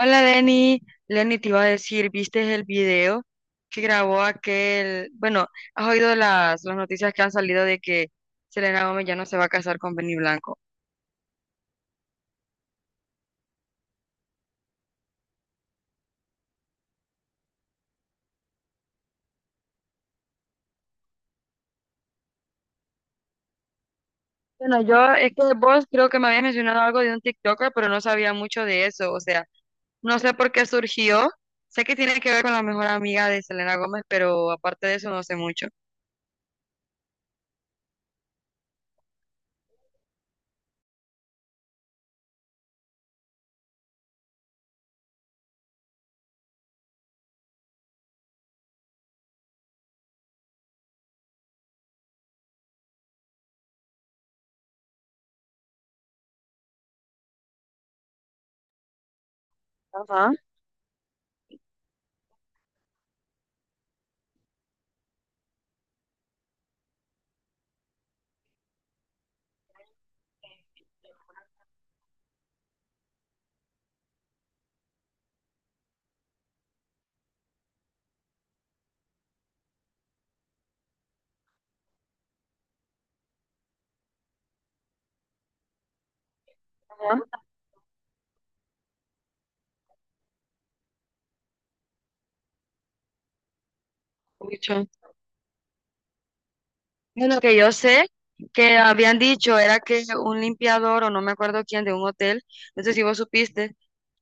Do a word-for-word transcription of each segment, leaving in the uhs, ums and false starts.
Hola, Lenny. Lenny, te iba a decir, ¿viste el video que grabó aquel? Bueno, ¿has oído las, las noticias que han salido de que Selena Gómez ya no se va a casar con Benny Blanco? Bueno, yo es que vos creo que me habías mencionado algo de un TikToker, pero no sabía mucho de eso. O sea, no sé por qué surgió. Sé que tiene que ver con la mejor amiga de Selena Gómez, pero aparte de eso no sé mucho. Ajá. Ajá. Mucho. Bueno, que yo sé que habían dicho era que un limpiador o no me acuerdo quién de un hotel, no sé si vos supiste,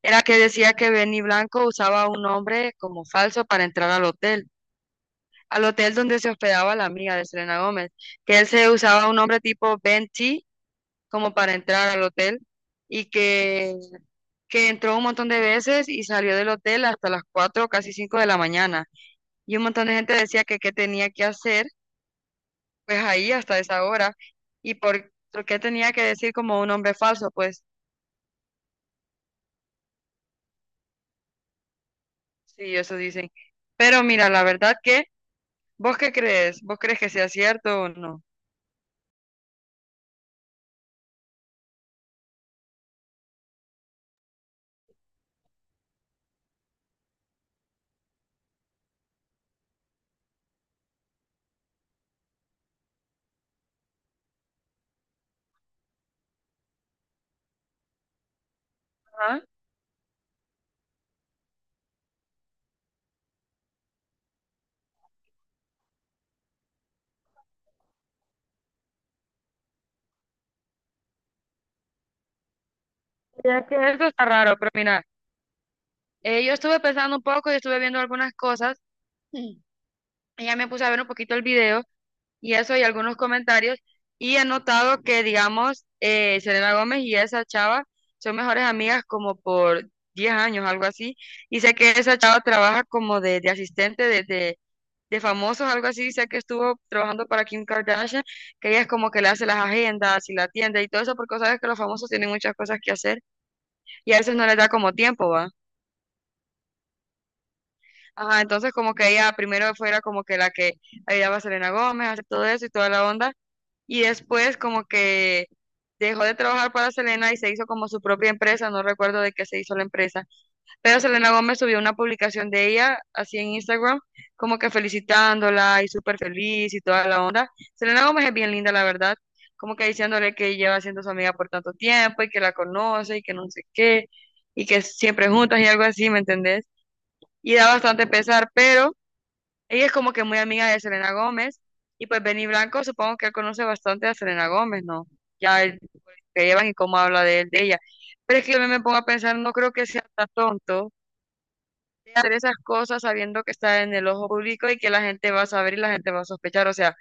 era que decía que Benny Blanco usaba un nombre como falso para entrar al hotel, al hotel donde se hospedaba la amiga de Selena Gómez, que él se usaba un nombre tipo Ben T como para entrar al hotel y que, que entró un montón de veces y salió del hotel hasta las cuatro casi cinco de la mañana. Y un montón de gente decía que qué tenía que hacer pues ahí hasta esa hora. ¿Y por, por qué tenía que decir como un hombre falso? Pues sí, eso dicen. Pero mira, la verdad que, ¿vos qué crees? ¿Vos crees que sea cierto o no? Ajá. Ya que eso está raro, pero mira, eh, yo estuve pensando un poco y estuve viendo algunas cosas. Mm. Y ya me puse a ver un poquito el video y eso y algunos comentarios. Y he notado que, digamos, eh, Selena Gómez y esa chava son mejores amigas como por diez años, algo así. Y sé que esa chava trabaja como de, de asistente de, de, de famosos, algo así. Sé que estuvo trabajando para Kim Kardashian, que ella es como que le hace las agendas y la tienda y todo eso, porque sabes que los famosos tienen muchas cosas que hacer y a veces no les da como tiempo, ¿va? Ajá, entonces como que ella primero fuera como que la que ayudaba a Selena Gómez a hacer todo eso y toda la onda. Y después como que dejó de trabajar para Selena y se hizo como su propia empresa, no recuerdo de qué se hizo la empresa, pero Selena Gómez subió una publicación de ella así en Instagram, como que felicitándola y súper feliz y toda la onda. Selena Gómez es bien linda, la verdad, como que diciéndole que lleva siendo su amiga por tanto tiempo y que la conoce y que no sé qué, y que siempre juntas y algo así, ¿me entendés? Y da bastante pesar, pero... Ella es como que muy amiga de Selena Gómez y pues Benny Blanco supongo que él conoce bastante a Selena Gómez, ¿no? Ya él, pues, que llevan y cómo habla de él, de ella. Pero es que yo me pongo a pensar, no creo que sea tan tonto de hacer esas cosas sabiendo que está en el ojo público y que la gente va a saber y la gente va a sospechar. O sea,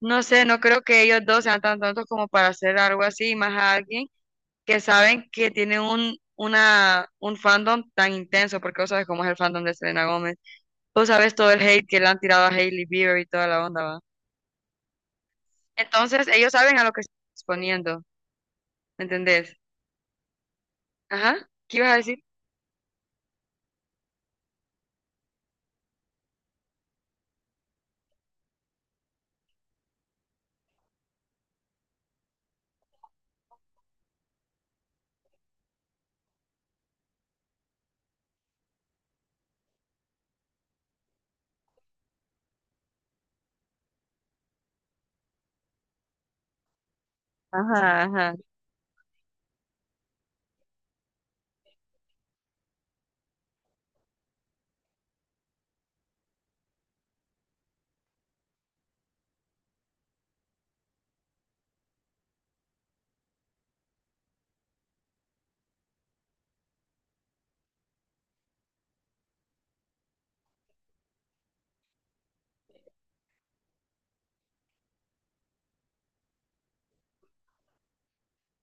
no sé, no creo que ellos dos sean tan tontos como para hacer algo así, y más a alguien que saben que tiene un, una, un fandom tan intenso, porque vos sabes cómo es el fandom de Selena Gómez. Vos sabés todo el hate que le han tirado a Hailey Bieber y toda la onda, ¿va? Entonces, ellos saben a lo que se están exponiendo, ¿me entendés? Ajá, ¿qué ibas a decir? Ajá, ajá.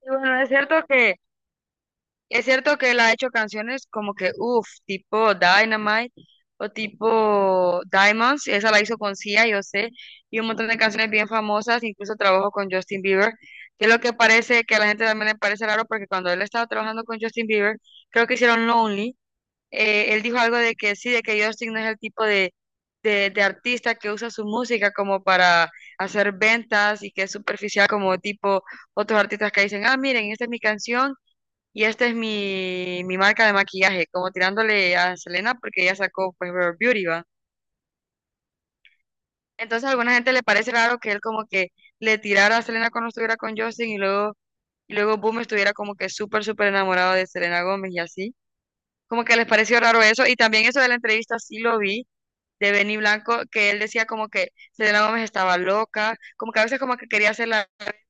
Y bueno, es cierto que, es cierto que él ha hecho canciones como que, uff, tipo Dynamite o tipo Diamonds, esa la hizo con Sia, yo sé, y un montón de canciones bien famosas, incluso trabajó con Justin Bieber, que es lo que parece, que a la gente también le parece raro, porque cuando él estaba trabajando con Justin Bieber, creo que hicieron Lonely, eh, él dijo algo de que sí, de que Justin no es el tipo de, de, de artista que usa su música como para hacer ventas y que es superficial como tipo otros artistas que dicen, ah, miren, esta es mi canción y esta es mi, mi marca de maquillaje, como tirándole a Selena porque ella sacó pues Rare Beauty, ¿va? Entonces a alguna gente le parece raro que él como que le tirara a Selena cuando estuviera con Justin y luego, y luego Boom estuviera como que súper, súper enamorado de Selena Gómez y así. Como que les pareció raro eso. Y también eso de la entrevista sí lo vi de Benny Blanco, que él decía como que Selena Gómez estaba loca, como que a veces como que quería hacer la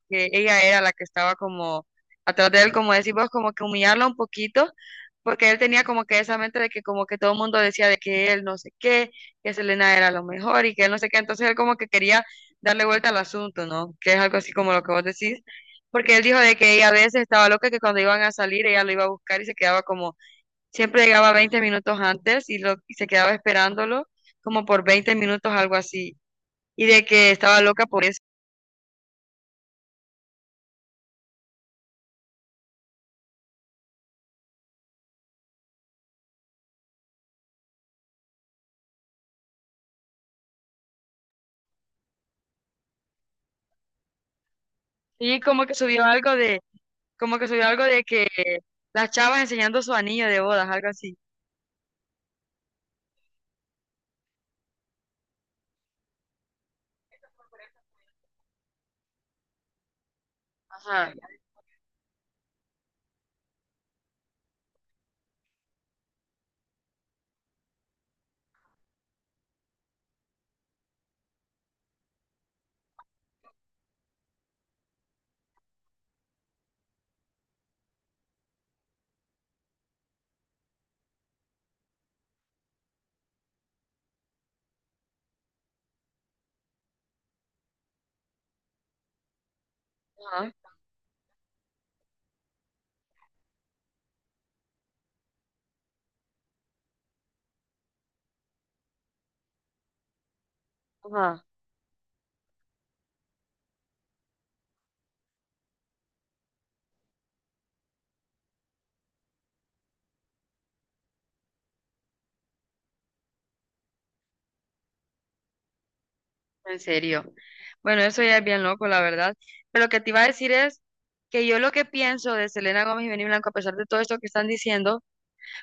que ella era la que estaba como atrás de él, como decís vos, como que humillarla un poquito, porque él tenía como que esa mente de que como que todo el mundo decía de que él no sé qué, que Selena era lo mejor y que él no sé qué, entonces él como que quería darle vuelta al asunto, ¿no? Que es algo así como lo que vos decís, porque él dijo de que ella a veces estaba loca, que cuando iban a salir ella lo iba a buscar y se quedaba como siempre llegaba veinte minutos antes y, lo, y se quedaba esperándolo como por veinte minutos, algo así. Y de que estaba loca por eso. Y como que subió algo de, como que subió algo de que las chavas enseñando su anillo de bodas, algo así. Ajá, ajá, ajá, en serio. Bueno, eso ya es bien loco, la verdad. Pero lo que te iba a decir es que yo lo que pienso de Selena Gómez y Benny Blanco, a pesar de todo esto que están diciendo,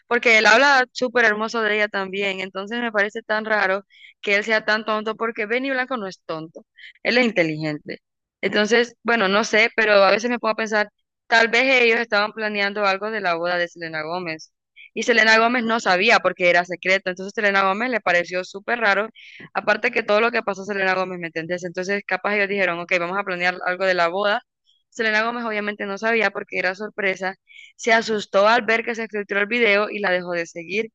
porque él habla súper hermoso de ella también, entonces me parece tan raro que él sea tan tonto, porque Benny Blanco no es tonto, él es inteligente. Entonces, bueno, no sé, pero a veces me pongo a pensar, tal vez ellos estaban planeando algo de la boda de Selena Gómez. Y Selena Gómez no sabía porque era secreto, entonces Selena Gómez le pareció súper raro, aparte que todo lo que pasó a Selena Gómez, ¿me entendés? Entonces capaz ellos dijeron, ok, vamos a planear algo de la boda, Selena Gómez obviamente no sabía porque era sorpresa se asustó al ver que se filtró el video y la dejó de seguir.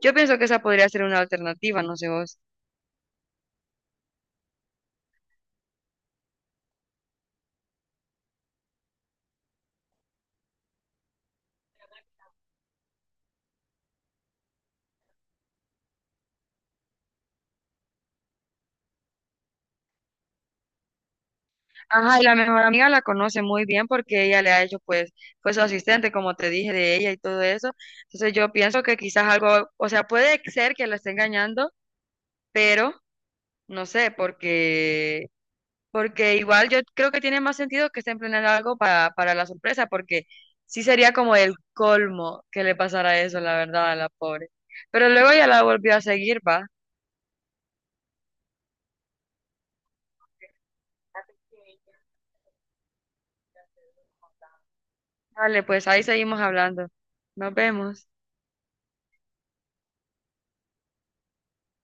Yo pienso que esa podría ser una alternativa, no sé vos. Ajá, y la mejor amiga la conoce muy bien porque ella le ha hecho, pues, fue su asistente, como te dije, de ella y todo eso. Entonces yo pienso que quizás algo, o sea, puede ser que la esté engañando, pero no sé, porque, porque igual yo creo que tiene más sentido que estén planeando algo para, para la sorpresa, porque sí sería como el colmo que le pasara eso, la verdad, a la pobre. Pero luego ya la volvió a seguir, va. Dale, pues ahí seguimos hablando. Nos vemos.